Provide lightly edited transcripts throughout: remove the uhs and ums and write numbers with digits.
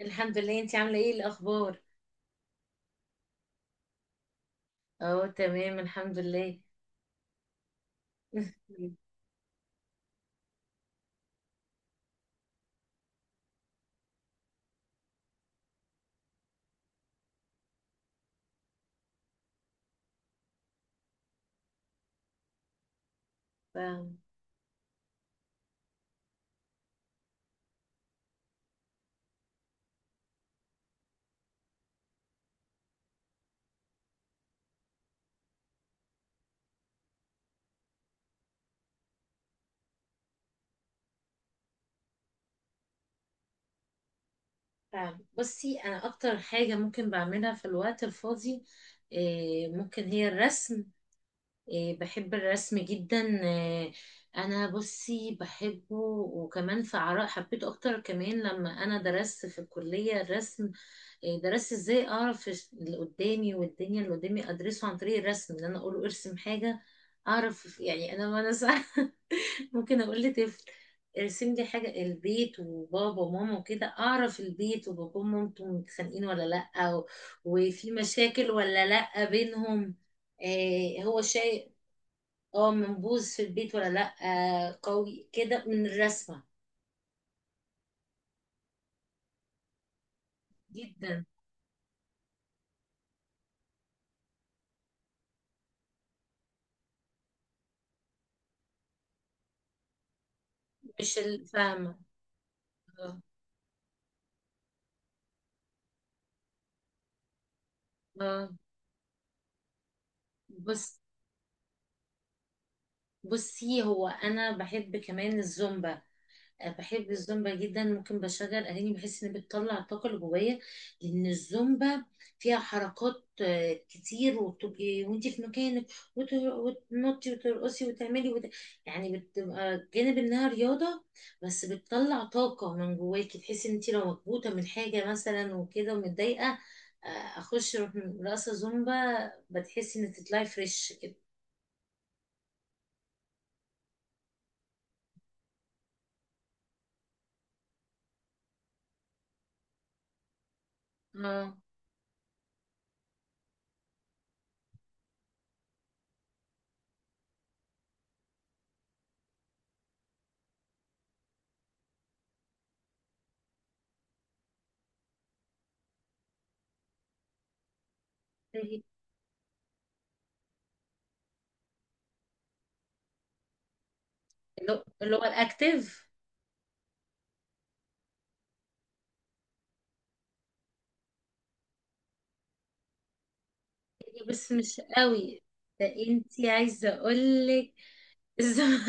الحمد لله، انتي عاملة ايه الأخبار؟ اه، تمام الحمد لله. فاهم فاهم. بصي، أنا أكتر حاجة ممكن بعملها في الوقت الفاضي إيه، ممكن هي الرسم. إيه، بحب الرسم جدا. إيه، أنا بصي بحبه، وكمان في عراء حبيته أكتر كمان لما أنا درست في الكلية الرسم. إيه، درست ازاي أعرف اللي قدامي والدنيا اللي قدامي أدرسه عن طريق الرسم، إن أنا أقول ارسم حاجة. أعرف يعني أنا وأنا صغيرة، ممكن اقول لطفل ارسم لي حاجه البيت وبابا وماما وكده، اعرف البيت وبابا ومامته متخانقين ولا لا وفي مشاكل ولا لا بينهم. آه هو شيء، اه، منبوذ في البيت ولا لا. آه قوي كده من الرسمه. جدا. مش الفاهمه. اه. آه. بص، بصي هو انا بحب كمان الزومبا. آه، بحب الزومبا جدا، ممكن بشغل اغاني بحس ان بتطلع الطاقه اللي جوايا، لان الزومبا فيها حركات آه، كتير، وبتبقي وانت في مكانك وتنطي وترقصي وتعملي يعني بتبقى جانب انها رياضه، بس بتطلع طاقه من جواكي، تحسي ان انت لو مكبوته من حاجه مثلا وكده ومتضايقه، آه، اخش أروح رقصه زومبا، بتحسي ان تطلعي فريش كده. اه، اللي هو الاكتيف. بس مش قوي ده، انتي عايزة اقولك الزم...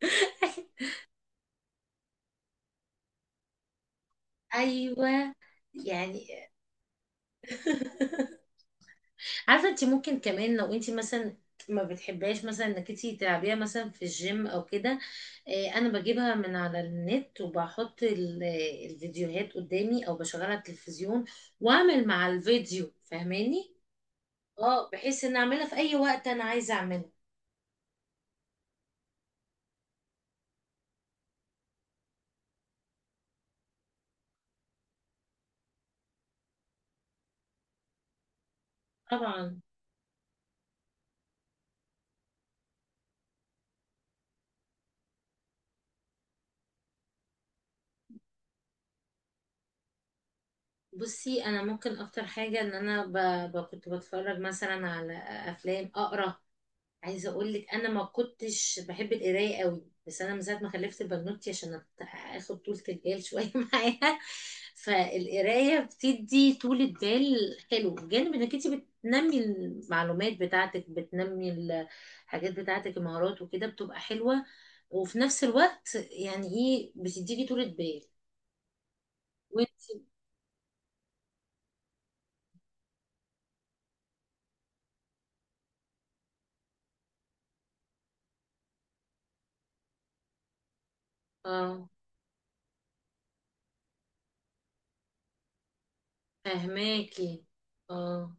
ايوه. يعني. عارفة انتي ممكن كمان لو انتي مثلا ما بتحبهاش، مثلا انك انتي تلعبيها مثلا في الجيم او كده، آه، انا بجيبها من على النت وبحط الفيديوهات قدامي او بشغلها على التلفزيون واعمل مع الفيديو، فاهماني. اه، بحيث ان اعملها في اي وقت انا عايزة اعمله. طبعا. بصي انا ممكن اكتر حاجه ان انا كنت بتفرج مثلا على افلام، اقرا. عايزه اقول لك، انا ما كنتش بحب القرايه قوي، بس انا من ساعه ما خلفت البنوتي عشان اخد طولة البال شويه معاها، فالقرايه بتدي طولة بال حلو، بجانب انك انت بتنمي المعلومات بتاعتك، بتنمي الحاجات بتاعتك المهارات وكده، بتبقى حلوه. وفي نفس الوقت يعني ايه، بتديكي طولة بال. وانت؟ اه. فهماكي. اه.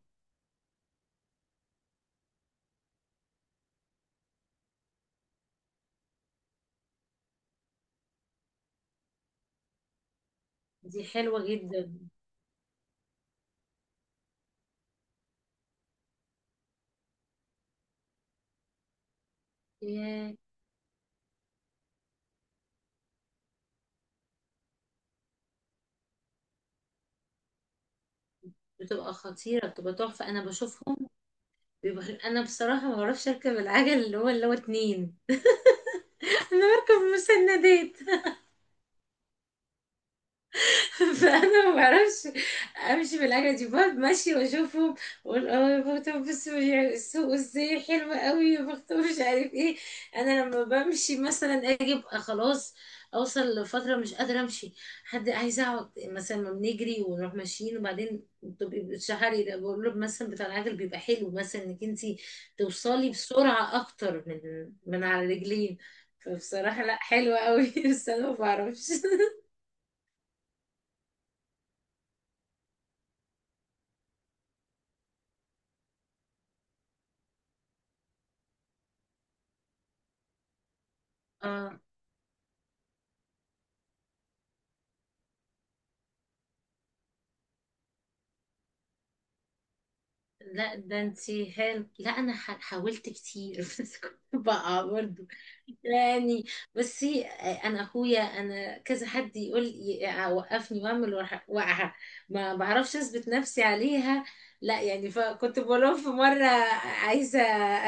دي حلوة جدا. ياه. بتبقى خطيرة، بتبقى تحفة، انا بشوفهم. بيبقى انا بصراحة ما بعرفش اركب العجل اللي هو اتنين. انا بركب مسندات. فانا ما بعرفش امشي بالحاجه دي، بقعد ماشيه واشوفهم واقول، اه يا بختها، بص السوق ازاي حلوه قوي، يا بختها، مش عارف ايه. انا لما بمشي مثلا اجي ابقى خلاص، اوصل لفتره مش قادره امشي، حد هيزعق مثلا ما بنجري ونروح ماشيين، وبعدين بتبقي بتشحري، ده بقول له مثلا بتاع العجل بيبقى حلو، مثلا انك انت توصلي بسرعه اكتر من من على رجلين. فبصراحه لا حلوه قوي، بس انا ما بعرفش. اه لا، ده انتي حلو. لا انا حاولت كتير، بس كنت بقع برضه. يعني. بصي، انا اخويا، انا كذا حد يقول وقفني واعمل واقعه. ما بعرفش اثبت نفسي عليها، لا يعني. فكنت بقول لهم في مره عايزه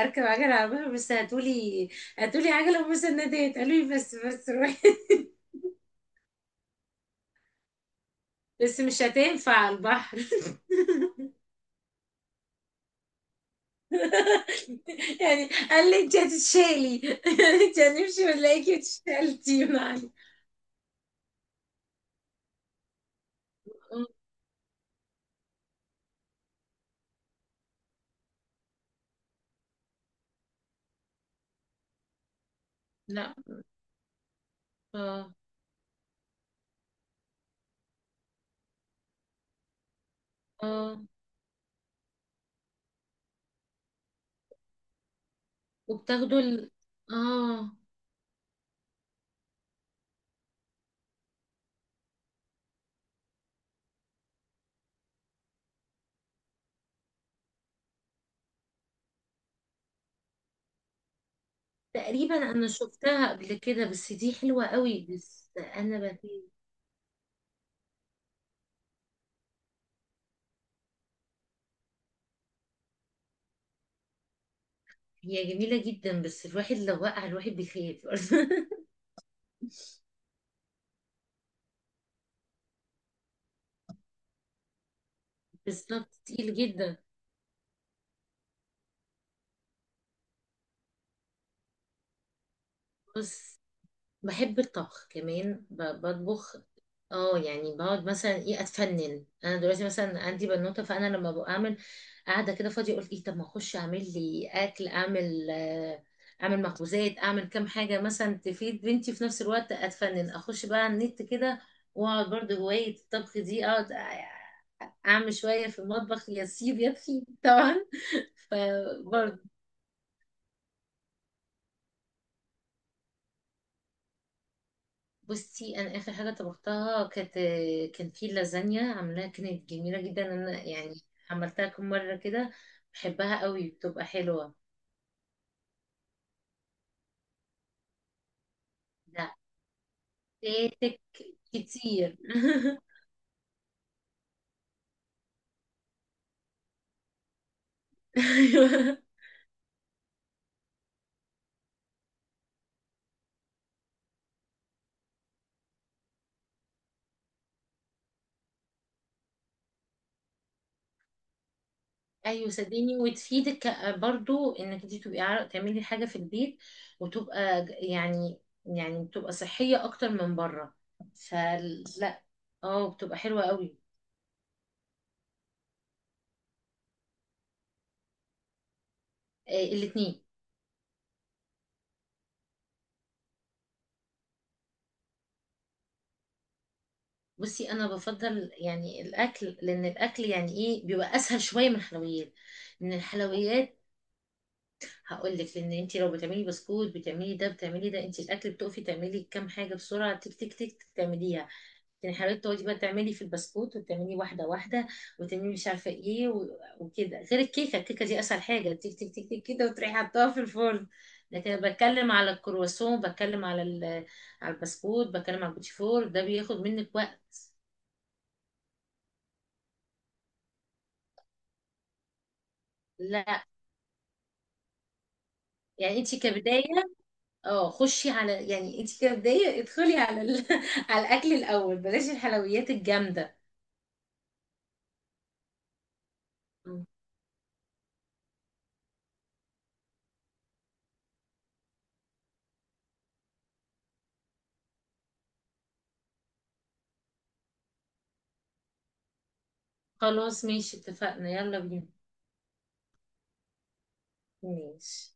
اركب عجله على البحر، بس هاتولي، هاتولي عجله ومسندات. قالوا لي بس، بس روحي. بس مش هتنفع على البحر. يعني قال لي انت هتتشالي، انت هنمشي ونلاقيكي اتشالتي من علي. أمم، لا. اه. اه. وبتاخدوا اه. تقريبا انا شفتها قبل كده، بس دي حلوة قوي، بس انا بخاف. هي جميلة جدا، بس الواحد لو وقع الواحد بيخاف. بالظبط، تقيل جدا. بس بحب الطبخ كمان، بطبخ. اه يعني، بقعد مثلا ايه اتفنن، انا دلوقتي مثلا عندي بنوته، فانا لما بعمل قاعده كده فاضيه، اقول ايه، طب ما اخش اعمل لي اكل، اعمل آه، اعمل مخبوزات، اعمل كام حاجه مثلا تفيد بنتي، في نفس الوقت اتفنن، اخش بقى على النت كده، واقعد برضه هوايه الطبخ دي، اقعد اعمل شويه في المطبخ، يا سيب يا تخيب طبعا. فبرضه. بصي انا اخر حاجه طبختها كانت، كان في لازانيا عاملاها كانت جميله جدا. انا يعني عملتها كم مره كده، بحبها قوي، بتبقى حلوه. لا، فاتك كتير. ايوه. ايوه صدقيني وتفيدك برضو، انك انت تبقي تعملي حاجه في البيت، وتبقى يعني، يعني بتبقى صحيه اكتر من بره. فلا، اه، بتبقى حلوه قوي. آه، الاتنين. بصي انا بفضل يعني الاكل، لان الاكل يعني ايه بيبقى اسهل شويه من الحلويات. من الحلويات هقول لك، لان انت لو بتعملي بسكوت بتعملي ده بتعملي ده، انت الاكل بتقفي تعملي كام حاجه بسرعه، تك تك تك تك تعمليها. لكن الحلويات، تقعدي بقى تعملي في البسكوت وتعملي واحده واحده، وتعملي مش عارفه ايه وكده. غير الكيكه، الكيكه دي اسهل حاجه، تك تك تك تك كده، وتروحي حطاها في الفرن. لكن أنا بتكلم على الكرواسون، بتكلم على على البسكوت، بتكلم على البوتيفور، ده بياخد منك وقت. لا يعني، انت كبدايه، اه خشي على، يعني انت كبدايه ادخلي على على الاكل الاول، بلاش الحلويات الجامده. مم. خلاص ماشي، اتفقنا، يلا بينا. ماشي